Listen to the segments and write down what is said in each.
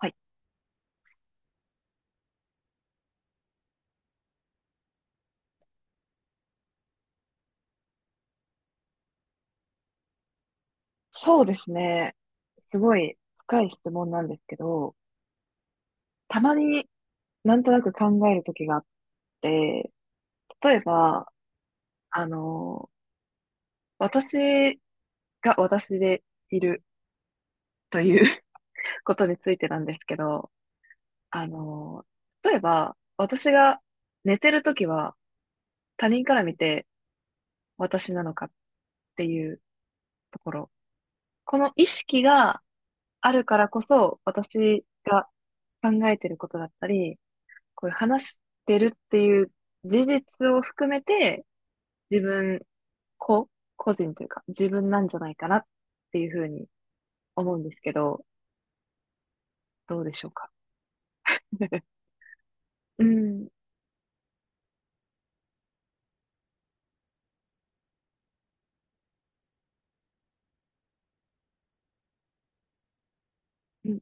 はい。そうですね。すごい深い質問なんですけど、たまになんとなく考える時があって、例えば、あの、私が私でいるという ことについてなんですけど、あの、例えば、私が寝てる時は他人から見て私なのかっていうところ。この意識があるからこそ、私が考えてることだったり、こういう話してるっていう事実を含めて、自分、個、個人というか、自分なんじゃないかなっていうふうに思うんですけど、どうでしょうか。うん、うん、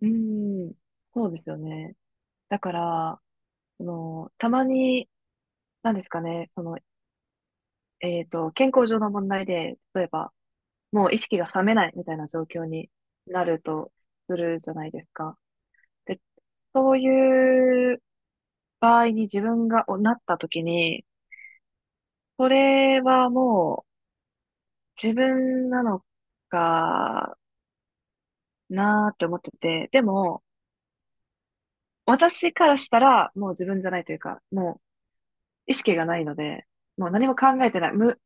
うん、そうですよね。だから、その、たまに、なんですかね、その、健康上の問題で、例えば、もう意識が覚めないみたいな状況になるとするじゃないですか。で、そういう場合に自分がおなった時に、これはもう自分なのかなーって思ってて、でも、私からしたらもう自分じゃないというか、もう意識がないので、もう何も考えてない、無、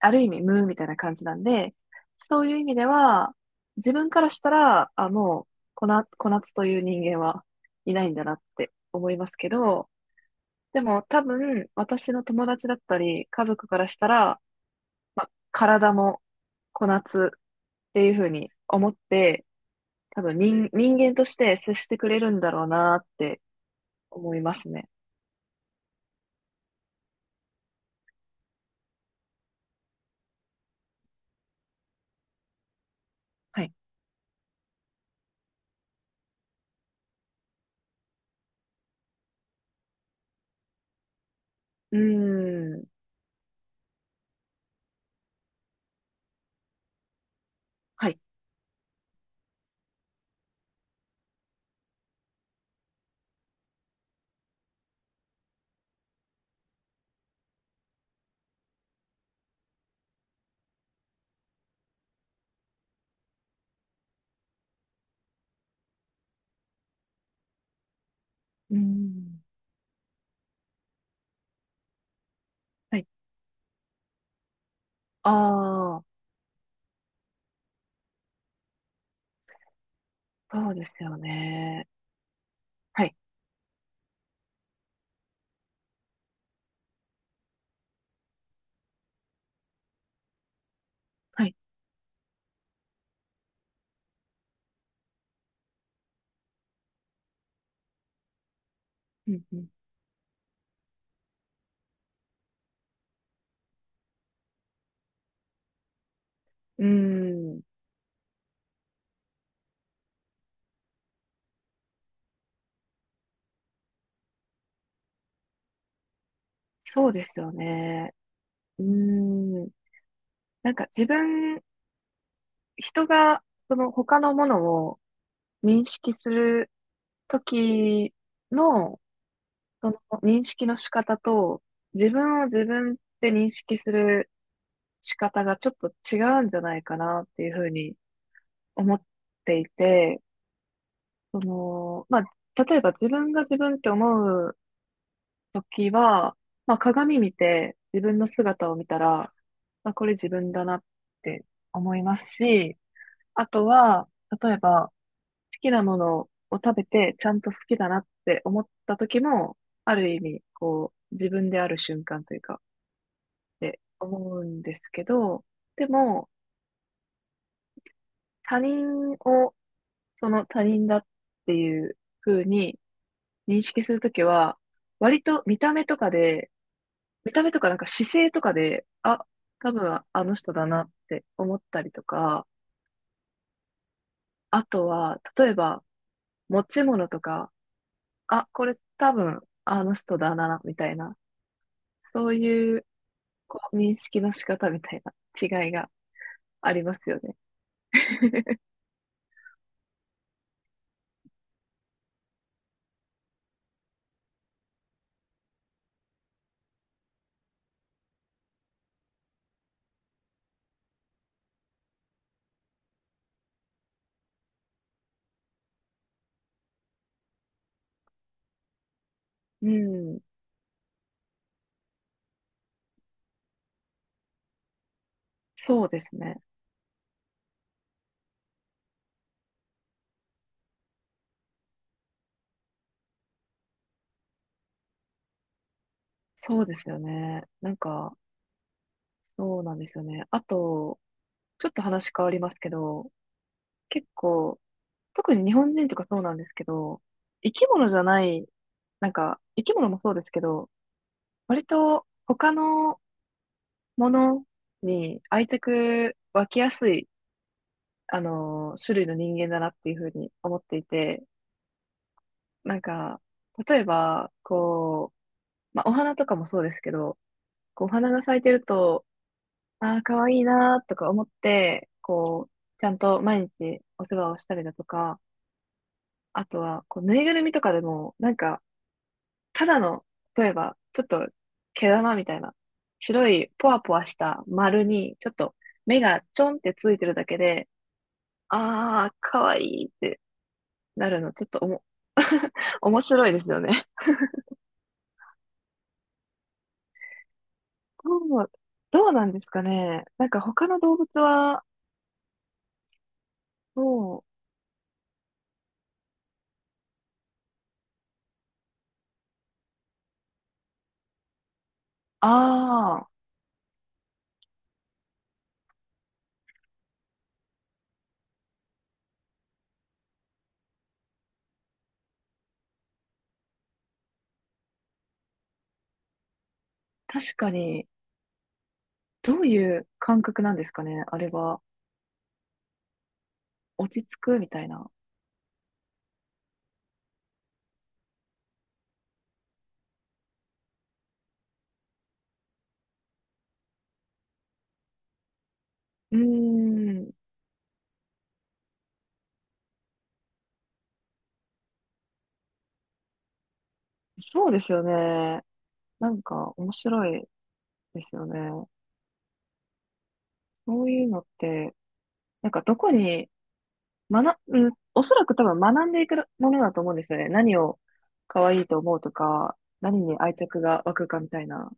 ある意味無みたいな感じなんで、そういう意味では、自分からしたら、あ、もう、小夏という人間はいないんだなって思いますけど、でも多分、私の友達だったり、家族からしたら、まあ、体もこなつっていうふうに思って、多分人間として接してくれるんだろうなって思いますね。はい。うーん。はい。うーん。はい。ああ、そうですよね。はい。はい。うんうん。うーん。そうですよね。うーん。なんか自分、人が、その他のものを認識するときの、その認識の仕方と、自分を自分って認識する仕方がちょっと違うんじゃないかなっていうふうに思っていて、その、まあ、例えば自分が自分って思うときは、まあ、鏡見て自分の姿を見たら、あ、これ自分だなって思いますし、あとは、例えば、好きなものを食べてちゃんと好きだなって思った時も、ある意味、こう、自分である瞬間というか、って思うんですけど、でも、他人をその他人だっていう風に認識するときは、割と見た目とかで、見た目とかなんか姿勢とかで、あ、多分あの人だなって思ったりとか、あとは、例えば持ち物とか、あ、これ多分あの人だな、みたいな、そういうこう認識の仕方みたいな違いがありますよね。うん、そうですね。そうですよね。なんか、そうなんですよね。あと、ちょっと話変わりますけど、結構、特に日本人とかそうなんですけど、生き物じゃない、なんか、生き物もそうですけど、割と他のものに愛着湧きやすい、あの、種類の人間だなっていうふうに思っていて、なんか、例えば、こう、まあ、お花とかもそうですけど、こう、お花が咲いてると、ああ、可愛いいなーとか思って、こう、ちゃんと毎日お世話をしたりだとか、あとは、こう、ぬいぐるみとかでも、なんか、ただの、例えば、ちょっと、毛玉みたいな、白い、ポワポワした丸に、ちょっと、目がちょんってついてるだけで、ああ、可愛いいってなるの、ちょっとおも、面白いですよね。どう、どうなんですかね。なんか、他の動物は、どう、ああ、確かに、どういう感覚なんですかね、あれは。落ち着くみたいな。うーん、そうですよね。なんか面白いですよね。そういうのって、なんかどこに、うん、おそらく多分学んでいくものだと思うんですよね。何を可愛いと思うとか、何に愛着が湧くかみたいな。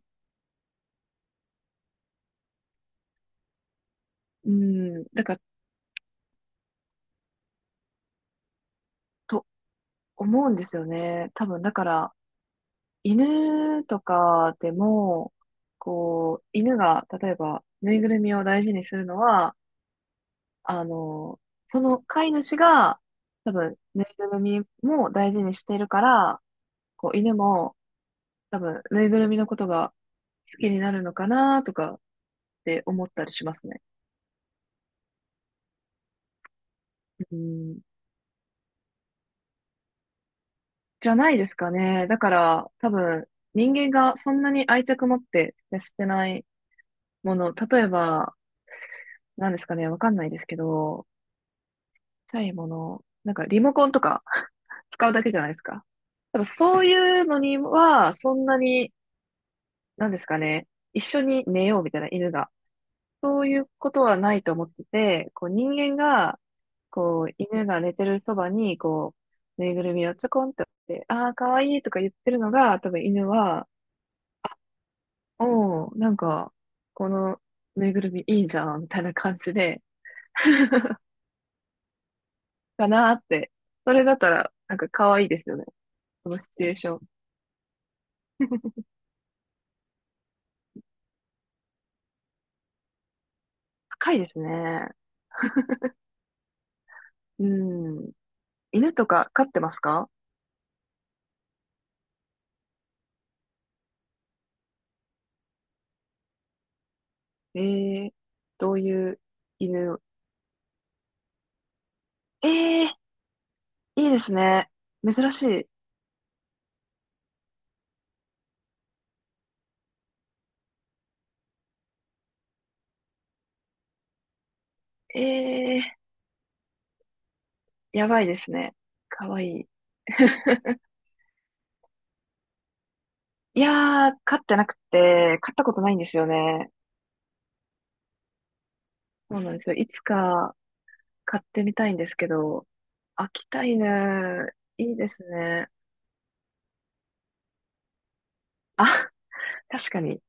うん、だから、と思うんですよね。多分だから、犬とかでも、こう、犬が例えばぬいぐるみを大事にするのは、あの、その飼い主が、多分、ぬいぐるみも大事にしてるから、こう、犬も、多分、ぬいぐるみのことが好きになるのかなとかって思ったりしますね。うん。じゃないですかね。だから、多分、人間がそんなに愛着持って接してないもの、例えば、何ですかね、わかんないですけど、ちっちゃいもの、なんかリモコンとか 使うだけじゃないですか。多分そういうのには、そんなになんですかね、一緒に寝ようみたいな犬が。そういうことはないと思ってて、こう人間が、こう犬が寝てるそばに、こう、ぬいぐるみをちょこんって置いて、ああ、かわいいとか言ってるのが、多分犬は、おお、なんか、このぬいぐるみいいじゃん、みたいな感じで、かなーって。それだったら、なんかかわいいですよね。このシチュエーション。高いですね。うん。犬とか飼ってますか？ええー、どういう犬、ええー、いいですね。珍しい。ええー、やばいですね。かわいい。いやー、飼ってなくて、飼ったことないんですよね。そうなんですよ。いつか飼ってみたいんですけど、秋田犬、いいですね。あ、確かに。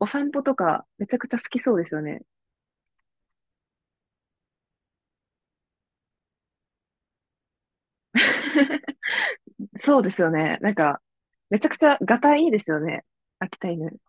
お散歩とか、めちゃくちゃ好きそうですよね。そうですよね。なんか、めちゃくちゃ、ガタイいいですよね。秋田犬。